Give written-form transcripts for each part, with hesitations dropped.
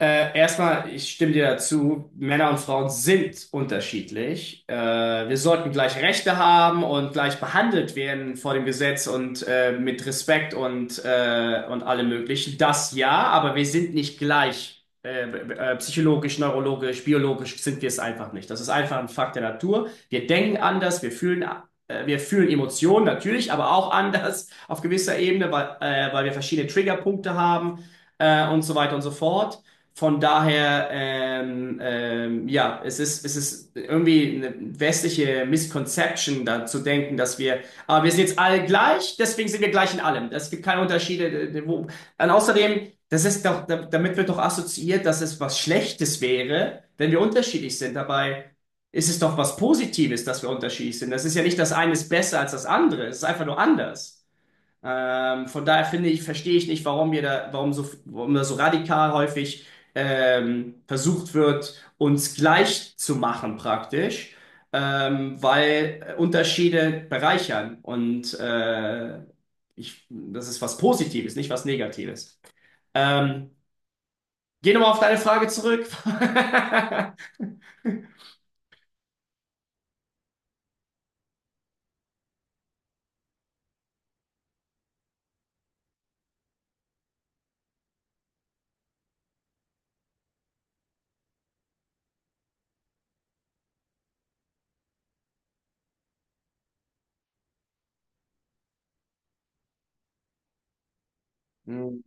Ich stimme dir dazu, Männer und Frauen sind unterschiedlich. Wir sollten gleich Rechte haben und gleich behandelt werden vor dem Gesetz und mit Respekt und und allem Möglichen. Das ja, aber wir sind nicht gleich. Psychologisch, neurologisch, biologisch sind wir es einfach nicht. Das ist einfach ein Fakt der Natur. Wir denken anders, wir fühlen Emotionen natürlich, aber auch anders auf gewisser Ebene, weil wir verschiedene Triggerpunkte haben und so weiter und so fort. Von daher, ja, es ist irgendwie eine westliche Misconception, da zu denken, aber wir sind jetzt alle gleich, deswegen sind wir gleich in allem. Es gibt keine Unterschiede. Und außerdem, das ist doch, da- damit wird doch assoziiert, dass es was Schlechtes wäre, wenn wir unterschiedlich sind. Dabei ist es doch was Positives, dass wir unterschiedlich sind. Das ist ja nicht das eine ist besser als das andere, es ist einfach nur anders. Von daher finde ich, verstehe ich nicht, warum da so radikal häufig versucht wird, uns gleich zu machen praktisch, weil Unterschiede bereichern und das ist was Positives, nicht was Negatives. Ähm, Geh nochmal auf deine Frage zurück. Hm.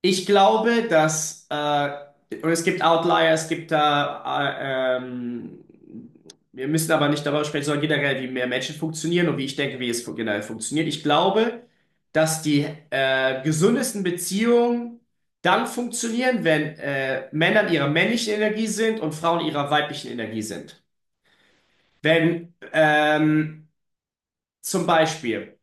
Ich glaube, dass es gibt Outlier, es gibt da wir müssen aber nicht darüber sprechen, sondern generell, wie mehr Menschen funktionieren und wie ich denke, generell funktioniert. Ich glaube, dass die gesündesten Beziehungen dann funktionieren, wenn Männer in ihrer männlichen Energie sind und Frauen in ihrer weiblichen Energie sind. Wenn Zum Beispiel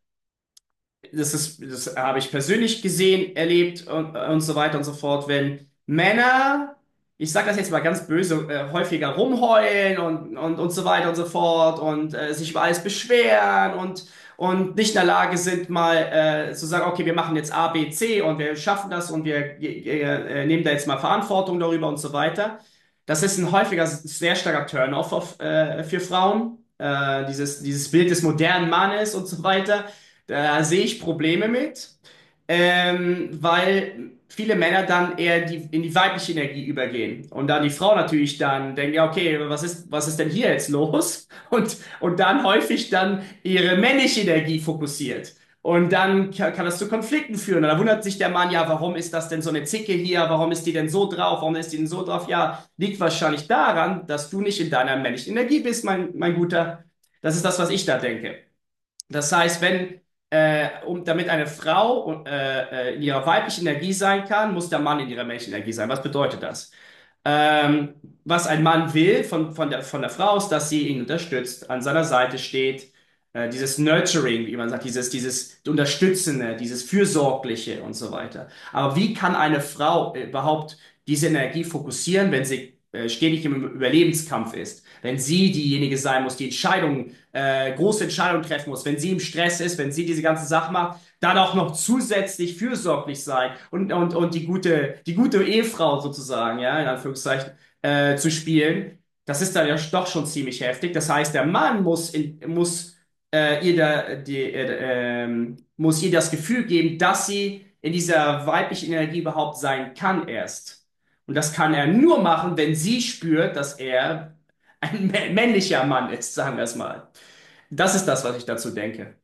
das habe ich persönlich gesehen, erlebt und so weiter und so fort, wenn Männer, ich sage das jetzt mal ganz böse, häufiger rumheulen und so weiter und so fort und sich über alles beschweren und nicht in der Lage sind, mal zu sagen, okay, wir machen jetzt A, B, C und wir schaffen das und wir nehmen da jetzt mal Verantwortung darüber und so weiter. Das ist ein häufiger, sehr starker Turn-off für Frauen. Dieses Bild des modernen Mannes und so weiter, da sehe ich Probleme mit, weil viele Männer dann eher in die weibliche Energie übergehen. Und dann die Frau natürlich dann denkt, ja, okay, was ist denn hier jetzt los? Und dann häufig dann ihre männliche Energie fokussiert. Und dann kann das zu Konflikten führen. Und da wundert sich der Mann, ja, warum ist das denn so eine Zicke hier? Warum ist die denn so drauf? Warum ist die denn so drauf? Ja, liegt wahrscheinlich daran, dass du nicht in deiner männlichen Energie bist, mein Guter. Das ist das, was ich da denke. Das heißt, wenn, um, damit eine Frau in ihrer weiblichen Energie sein kann, muss der Mann in ihrer männlichen Energie sein. Was bedeutet das? Ähm, Was ein Mann will von der Frau ist, dass sie ihn unterstützt, an seiner Seite steht, dieses Nurturing, wie man sagt, dieses Unterstützende, dieses Fürsorgliche und so weiter. Aber wie kann eine Frau überhaupt diese Energie fokussieren, wenn sie stetig im Überlebenskampf ist? Wenn sie diejenige sein muss, die große Entscheidungen treffen muss, wenn sie im Stress ist, wenn sie diese ganze Sache macht, dann auch noch zusätzlich fürsorglich sein und die die gute Ehefrau sozusagen, ja, in Anführungszeichen, zu spielen. Das ist dann ja doch schon ziemlich heftig. Das heißt, der Mann muss, in, muss ihr da, die, muss ihr das Gefühl geben, dass sie in dieser weiblichen Energie überhaupt sein kann erst. Und das kann er nur machen, wenn sie spürt, dass er ein männlicher Mann ist, sagen wir es mal. Das ist das, was ich dazu denke.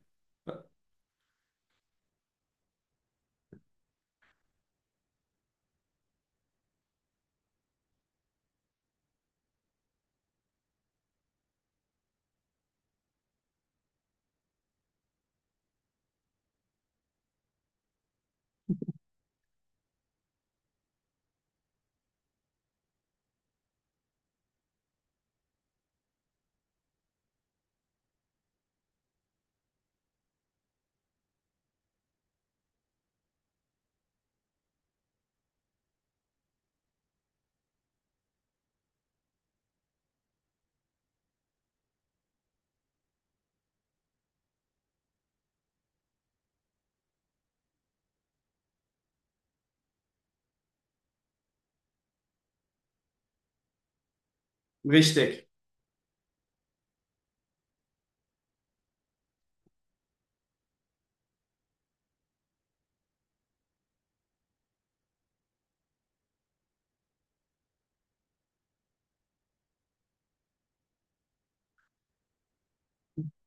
Richtig.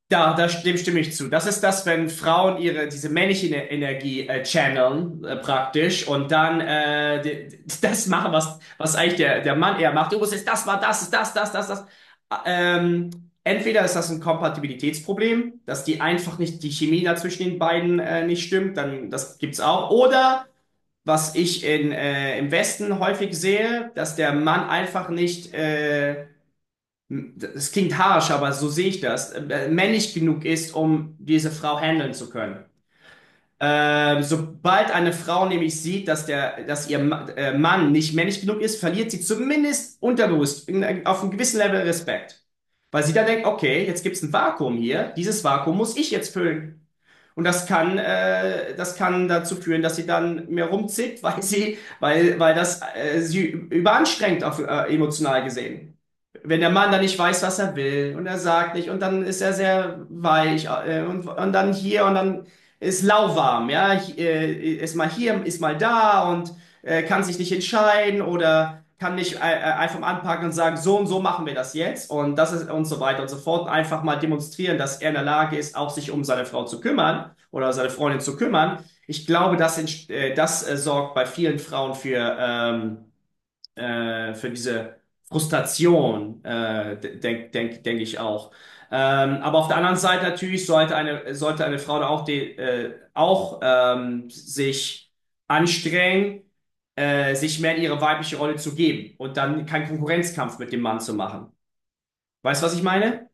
Dem stimme ich zu. Das ist das, wenn Frauen ihre diese männliche Energie channeln praktisch und dann das machen, was eigentlich der Mann eher macht. Du musst jetzt das war das ist das das das das. Ähm, Entweder ist das ein Kompatibilitätsproblem, dass die einfach nicht die Chemie da zwischen den beiden nicht stimmt, dann das gibt's auch. Oder was ich in im Westen häufig sehe, dass der Mann einfach nicht das klingt harsch, aber so sehe ich das, männlich genug ist, um diese Frau handeln zu können. Sobald eine Frau nämlich sieht, dass ihr Mann nicht männlich genug ist, verliert sie zumindest unterbewusst auf einem gewissen Level Respekt. Weil sie dann denkt, okay, jetzt gibt es ein Vakuum hier, dieses Vakuum muss ich jetzt füllen. Und das das kann dazu führen, dass sie dann mehr rumzickt, weil das sie überanstrengt emotional gesehen. Wenn der Mann dann nicht weiß, was er will und er sagt nicht und dann ist er sehr weich und dann hier und dann ist lauwarm, ja, ist mal hier, ist mal da und kann sich nicht entscheiden oder kann nicht einfach anpacken und sagen, so und so machen wir das jetzt und das ist und so weiter und so fort. Einfach mal demonstrieren, dass er in der Lage ist, auch sich um seine Frau zu kümmern oder seine Freundin zu kümmern. Ich glaube, das sorgt bei vielen Frauen für diese Frustration, denk ich auch. Aber auf der anderen Seite natürlich sollte sollte eine Frau da auch, sich anstrengen, sich mehr in ihre weibliche Rolle zu geben und dann keinen Konkurrenzkampf mit dem Mann zu machen. Weißt du, was ich meine?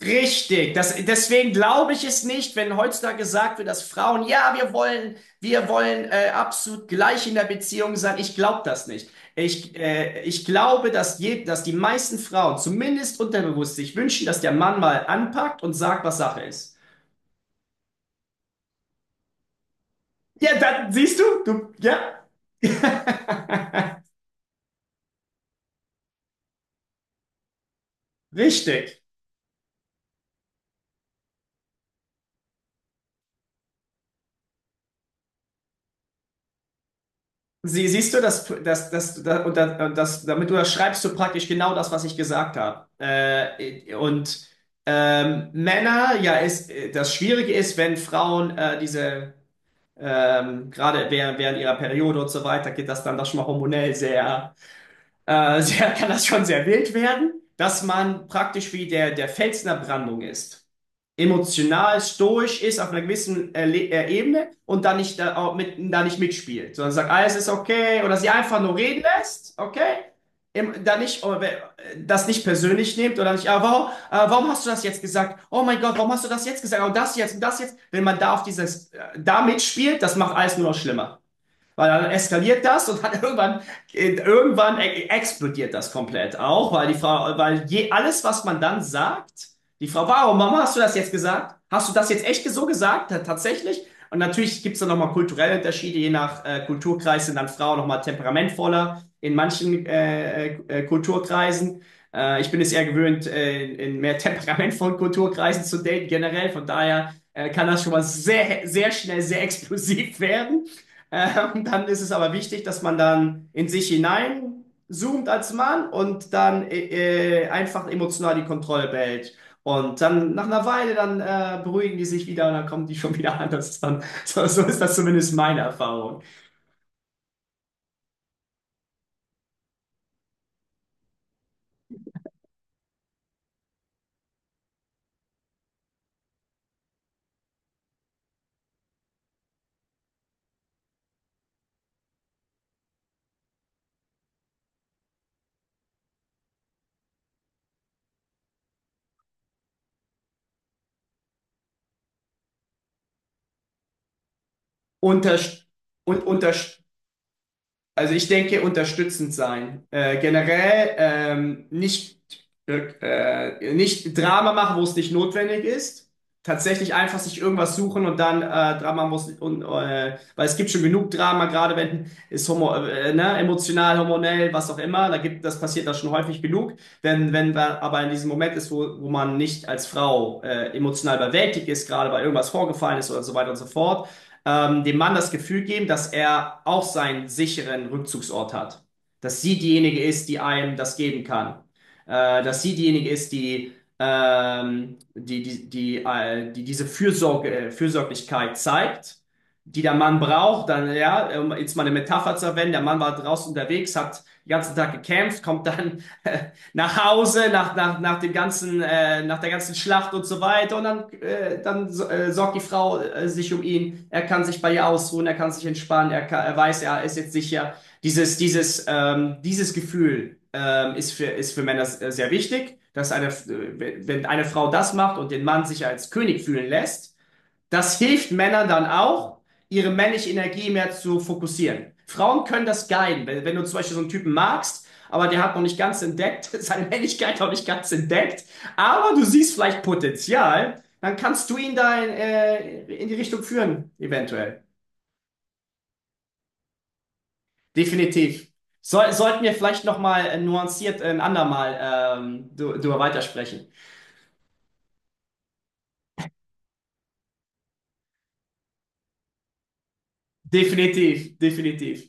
Richtig, das, deswegen glaube ich es nicht, wenn heutzutage gesagt wird, dass Frauen, ja, wir wollen absolut gleich in der Beziehung sein. Ich glaube das nicht. Ich glaube, dass die meisten Frauen zumindest unterbewusst sich wünschen, dass der Mann mal anpackt und sagt, was Sache ist. Ja, dann siehst du, ja. Richtig. Siehst du, dass, dass, dass, da- und da- und das, damit du das schreibst du praktisch genau das, was ich gesagt habe. Männer, ja, das Schwierige ist, wenn Frauen gerade während ihrer Periode und so weiter, geht das dann doch schon mal hormonell sehr, kann das schon sehr wild werden, dass man praktisch wie der Fels in der Brandung ist, emotional stoisch ist auf einer gewissen Ebene und da nicht mitspielt, sondern sagt, alles ist okay oder sie einfach nur reden lässt, okay? Im, da nicht, Das nicht persönlich nimmt oder nicht, warum hast du das jetzt gesagt? Oh mein Gott, warum hast du das jetzt gesagt? Und das jetzt und das jetzt. Wenn man da auf da mitspielt, das macht alles nur noch schlimmer. Weil dann eskaliert das und dann irgendwann explodiert das komplett auch, weil die Frau, weil je, alles, was man dann sagt, die Frau, warum, Mama, hast du das jetzt gesagt? Hast du das jetzt echt so gesagt? Tatsächlich? Und natürlich gibt es dann nochmal kulturelle Unterschiede, je nach Kulturkreis sind dann Frauen nochmal temperamentvoller in manchen Kulturkreisen. Ich bin es eher gewöhnt, in mehr temperamentvollen Kulturkreisen zu daten generell, von daher kann das schon mal sehr explosiv werden. Dann ist es aber wichtig, dass man dann in sich hinein zoomt als Mann und dann einfach emotional die Kontrolle behält. Und dann nach einer Weile, dann beruhigen die sich wieder und dann kommen die schon wieder an. Das ist dann, so ist das zumindest meine Erfahrung. Unterst und unterst Also ich denke, unterstützend sein. Generell nicht Drama machen, wo es nicht notwendig ist. Tatsächlich einfach sich irgendwas suchen und dann Drama muss und weil es gibt schon genug Drama, gerade wenn es emotional, hormonell, was auch immer, da gibt das passiert das schon häufig genug. Wenn da aber in diesem Moment ist, wo man nicht als Frau emotional überwältigt ist, gerade weil irgendwas vorgefallen ist oder so weiter und so fort, dem Mann das Gefühl geben, dass er auch seinen sicheren Rückzugsort hat. Dass sie diejenige ist, die einem das geben kann. Dass sie diejenige ist, die diese Fürsorglichkeit zeigt, die der Mann braucht. Dann, ja, um jetzt mal eine Metapher zu verwenden, der Mann war draußen unterwegs, hat den ganzen Tag gekämpft, kommt dann nach Hause, nach dem ganzen, nach der ganzen Schlacht und so weiter. Und dann, sorgt die Frau sich um ihn. Er kann sich bei ihr ausruhen, er kann sich entspannen, er weiß, er ist jetzt sicher. Dieses Gefühl ist ist für Männer sehr wichtig, wenn eine Frau das macht und den Mann sich als König fühlen lässt, das hilft Männern dann auch, ihre männliche Energie mehr zu fokussieren. Frauen können das guiden. Wenn du zum Beispiel so einen Typen magst, aber der hat noch nicht ganz entdeckt, seine Männlichkeit noch nicht ganz entdeckt, aber du siehst vielleicht Potenzial, dann kannst du ihn in die Richtung führen, eventuell. Definitiv. Sollten wir vielleicht nochmal nuanciert ein andermal darüber weitersprechen. Definitiv, definitiv.